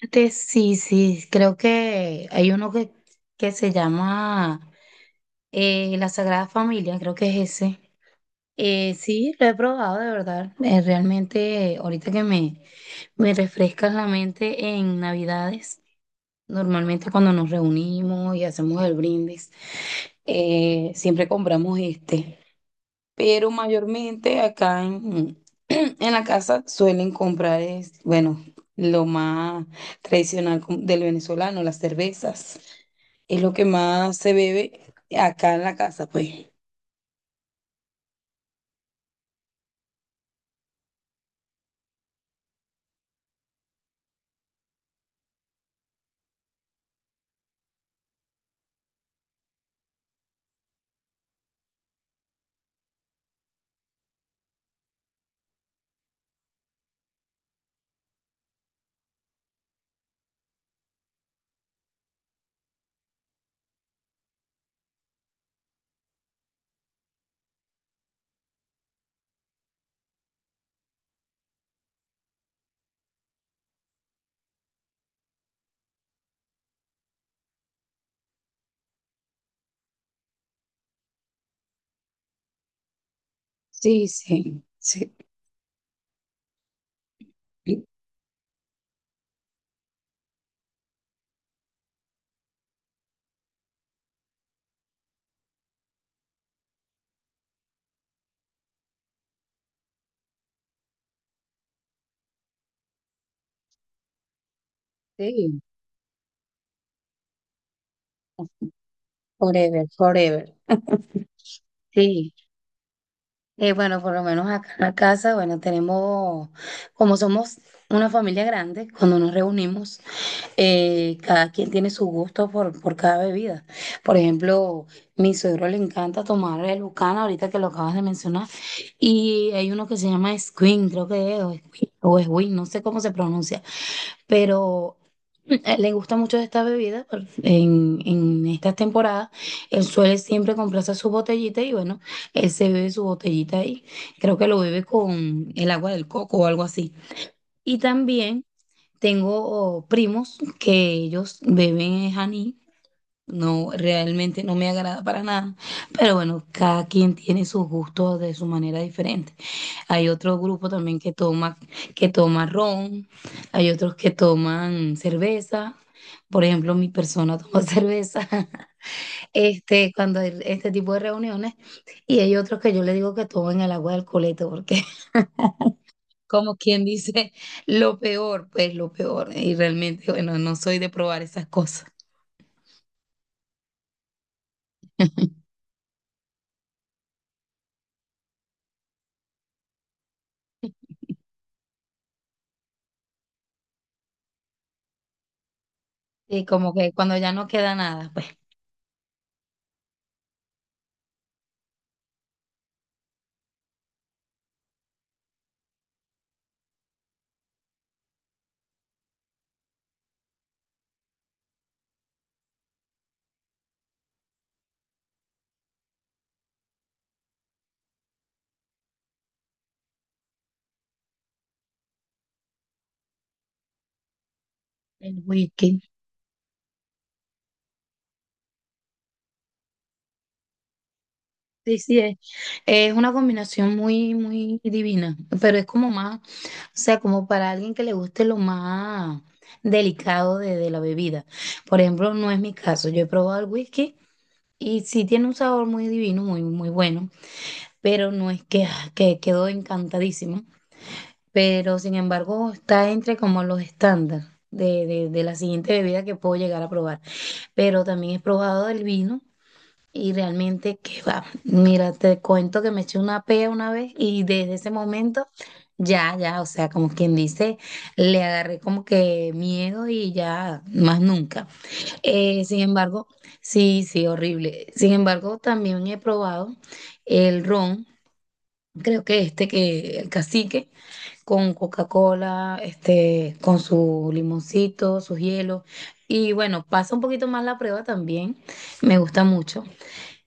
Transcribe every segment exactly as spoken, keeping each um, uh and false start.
Este, Sí, sí, creo que hay uno que, que se llama eh, La Sagrada Familia, creo que es ese. Eh, sí, lo he probado de verdad. Eh, realmente, ahorita que me, me refrescas la mente en Navidades, normalmente cuando nos reunimos y hacemos el brindis. Eh, siempre compramos este pero mayormente acá en, en la casa suelen comprar, es, bueno, lo más tradicional como del venezolano, las cervezas. Es lo que más se bebe acá en la casa, pues. Sí, sí, sí. Sí. Forever, forever. Sí. Eh, bueno, por lo menos acá en la casa, bueno, tenemos, como somos una familia grande, cuando nos reunimos, eh, cada quien tiene su gusto por, por cada bebida. Por ejemplo, mi suegro le encanta tomar el Bucana, ahorita que lo acabas de mencionar, y hay uno que se llama Squin, creo que es, o Squin, o Squin, no sé cómo se pronuncia, pero mm, eh, le gusta mucho esta bebida por- en, en estas temporadas. Él suele siempre comprarse su botellita y bueno, él se bebe su botellita ahí. Creo que lo bebe con el agua del coco o algo así. Y también. Tengo primos que ellos beben es anís. No, realmente no me agrada para nada. Pero bueno, cada quien tiene sus gustos de su manera diferente. Hay otro grupo también que toma, que toma ron, hay otros que toman cerveza. Por ejemplo, mi persona toma cerveza, este, cuando hay este tipo de reuniones. Y hay otros que yo le digo que tomen el agua del coleto porque como quien dice, lo peor, pues lo peor. Y realmente, bueno, no soy de probar esas cosas. Y como que cuando ya no queda nada, pues el whisky. Sí, sí, es, es una combinación muy, muy divina, pero es como más, o sea, como para alguien que le guste lo más delicado de, de la bebida. Por ejemplo, no es mi caso, yo he probado el whisky y sí tiene un sabor muy divino, muy, muy bueno, pero no es que, ah, que quedo encantadísima. Pero sin embargo está entre como los estándares de, de, de la siguiente bebida que puedo llegar a probar. Pero también he probado el vino y realmente que va. Mira, te cuento que me eché una pea una vez y desde ese momento ya, ya, o sea, como quien dice, le agarré como que miedo y ya más nunca. Eh, sin embargo, sí, sí, horrible. Sin embargo, también he probado el ron. Creo que este que el cacique, con Coca-Cola, este, con su limoncito, sus hielos. Y bueno, pasa un poquito más la prueba también, me gusta mucho,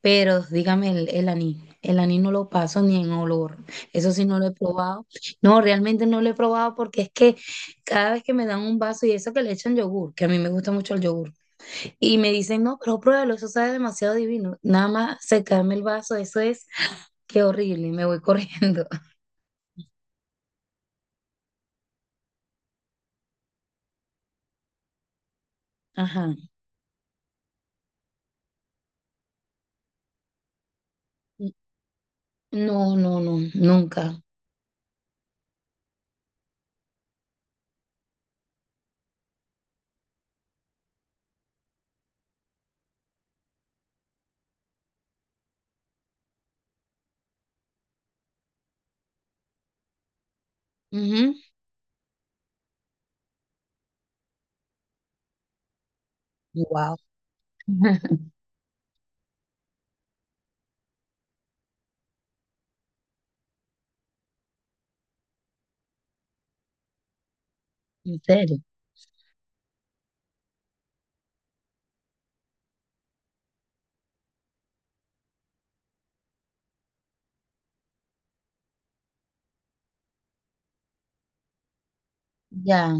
pero dígame el, el anís. El anís no lo paso ni en olor, eso sí no lo he probado. No, realmente no lo he probado porque es que cada vez que me dan un vaso y eso que le echan yogur, que a mí me gusta mucho el yogur, y me dicen, no, pero pruébalo, eso sabe demasiado divino. Nada más secarme el vaso, eso es, qué horrible, me voy corriendo. Ajá. No, no, no, nunca. Wow. En serio. Ya.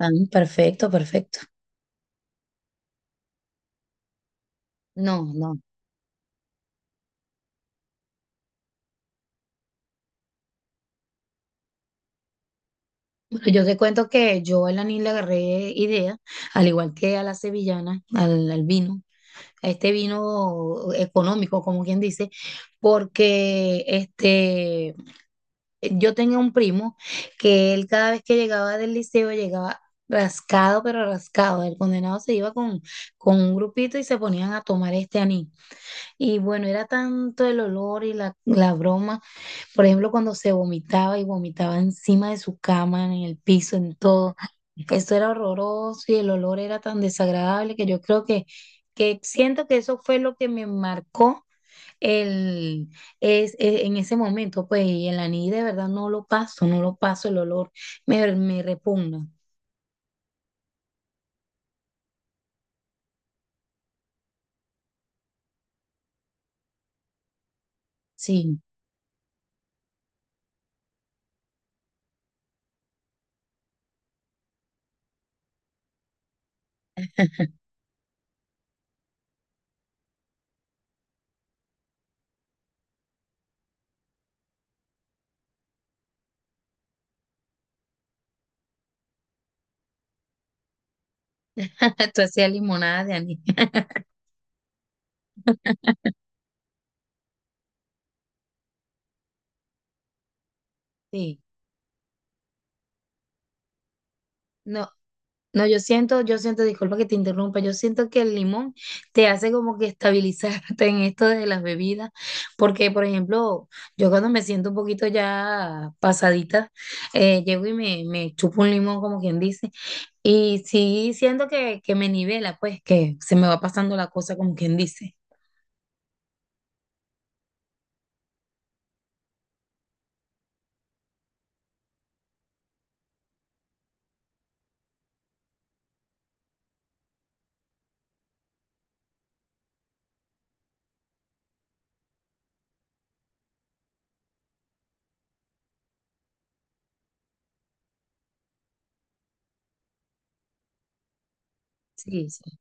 Ah, perfecto, perfecto. No, no. Bueno, yo te cuento que yo a la N I L le agarré idea, al igual que a la sevillana, al, al vino, a este vino económico, como quien dice, porque este, yo tenía un primo que él cada vez que llegaba del liceo llegaba rascado, pero rascado. El condenado se iba con, con un grupito y se ponían a tomar este anís. Y bueno, era tanto el olor y la, la broma. Por ejemplo, cuando se vomitaba y vomitaba encima de su cama, en el piso, en todo. Eso era horroroso y el olor era tan desagradable que yo creo que, que siento que eso fue lo que me marcó el, es, e- en ese momento. Pues y el anís de verdad no lo paso, no lo paso el olor. Me, me repugna. Sí, tú hacías limonada de anís. Sí, no. No, yo siento, yo siento, disculpa que te interrumpa, yo siento que el limón te hace como que estabilizarte en esto de las bebidas, porque por ejemplo, yo cuando me siento un poquito ya pasadita, eh, llego y me, me chupo un limón, como quien dice, y sí siento que, que me nivela, pues que se me va pasando la cosa, como quien dice. Sí, sí.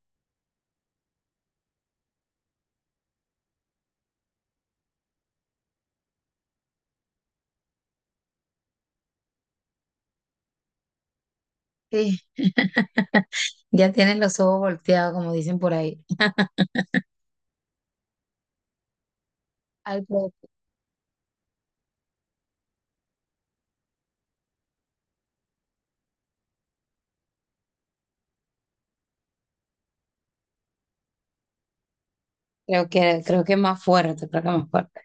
Sí. Ya tienes los ojos volteados, como dicen por ahí. Algo, creo que, creo que más fuerte, creo que más fuerte.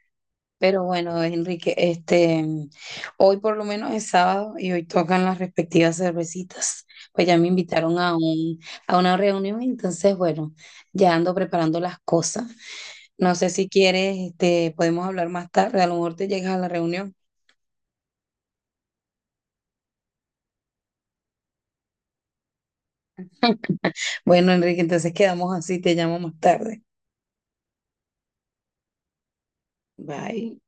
Pero bueno, Enrique, este, hoy por lo menos es sábado y hoy tocan las respectivas cervecitas. Pues ya me invitaron a un, a una reunión, entonces bueno, ya ando preparando las cosas. No sé si quieres, este, podemos hablar más tarde, a lo mejor te llegas a la reunión. Bueno, Enrique, entonces quedamos así, te llamo más tarde. Bye.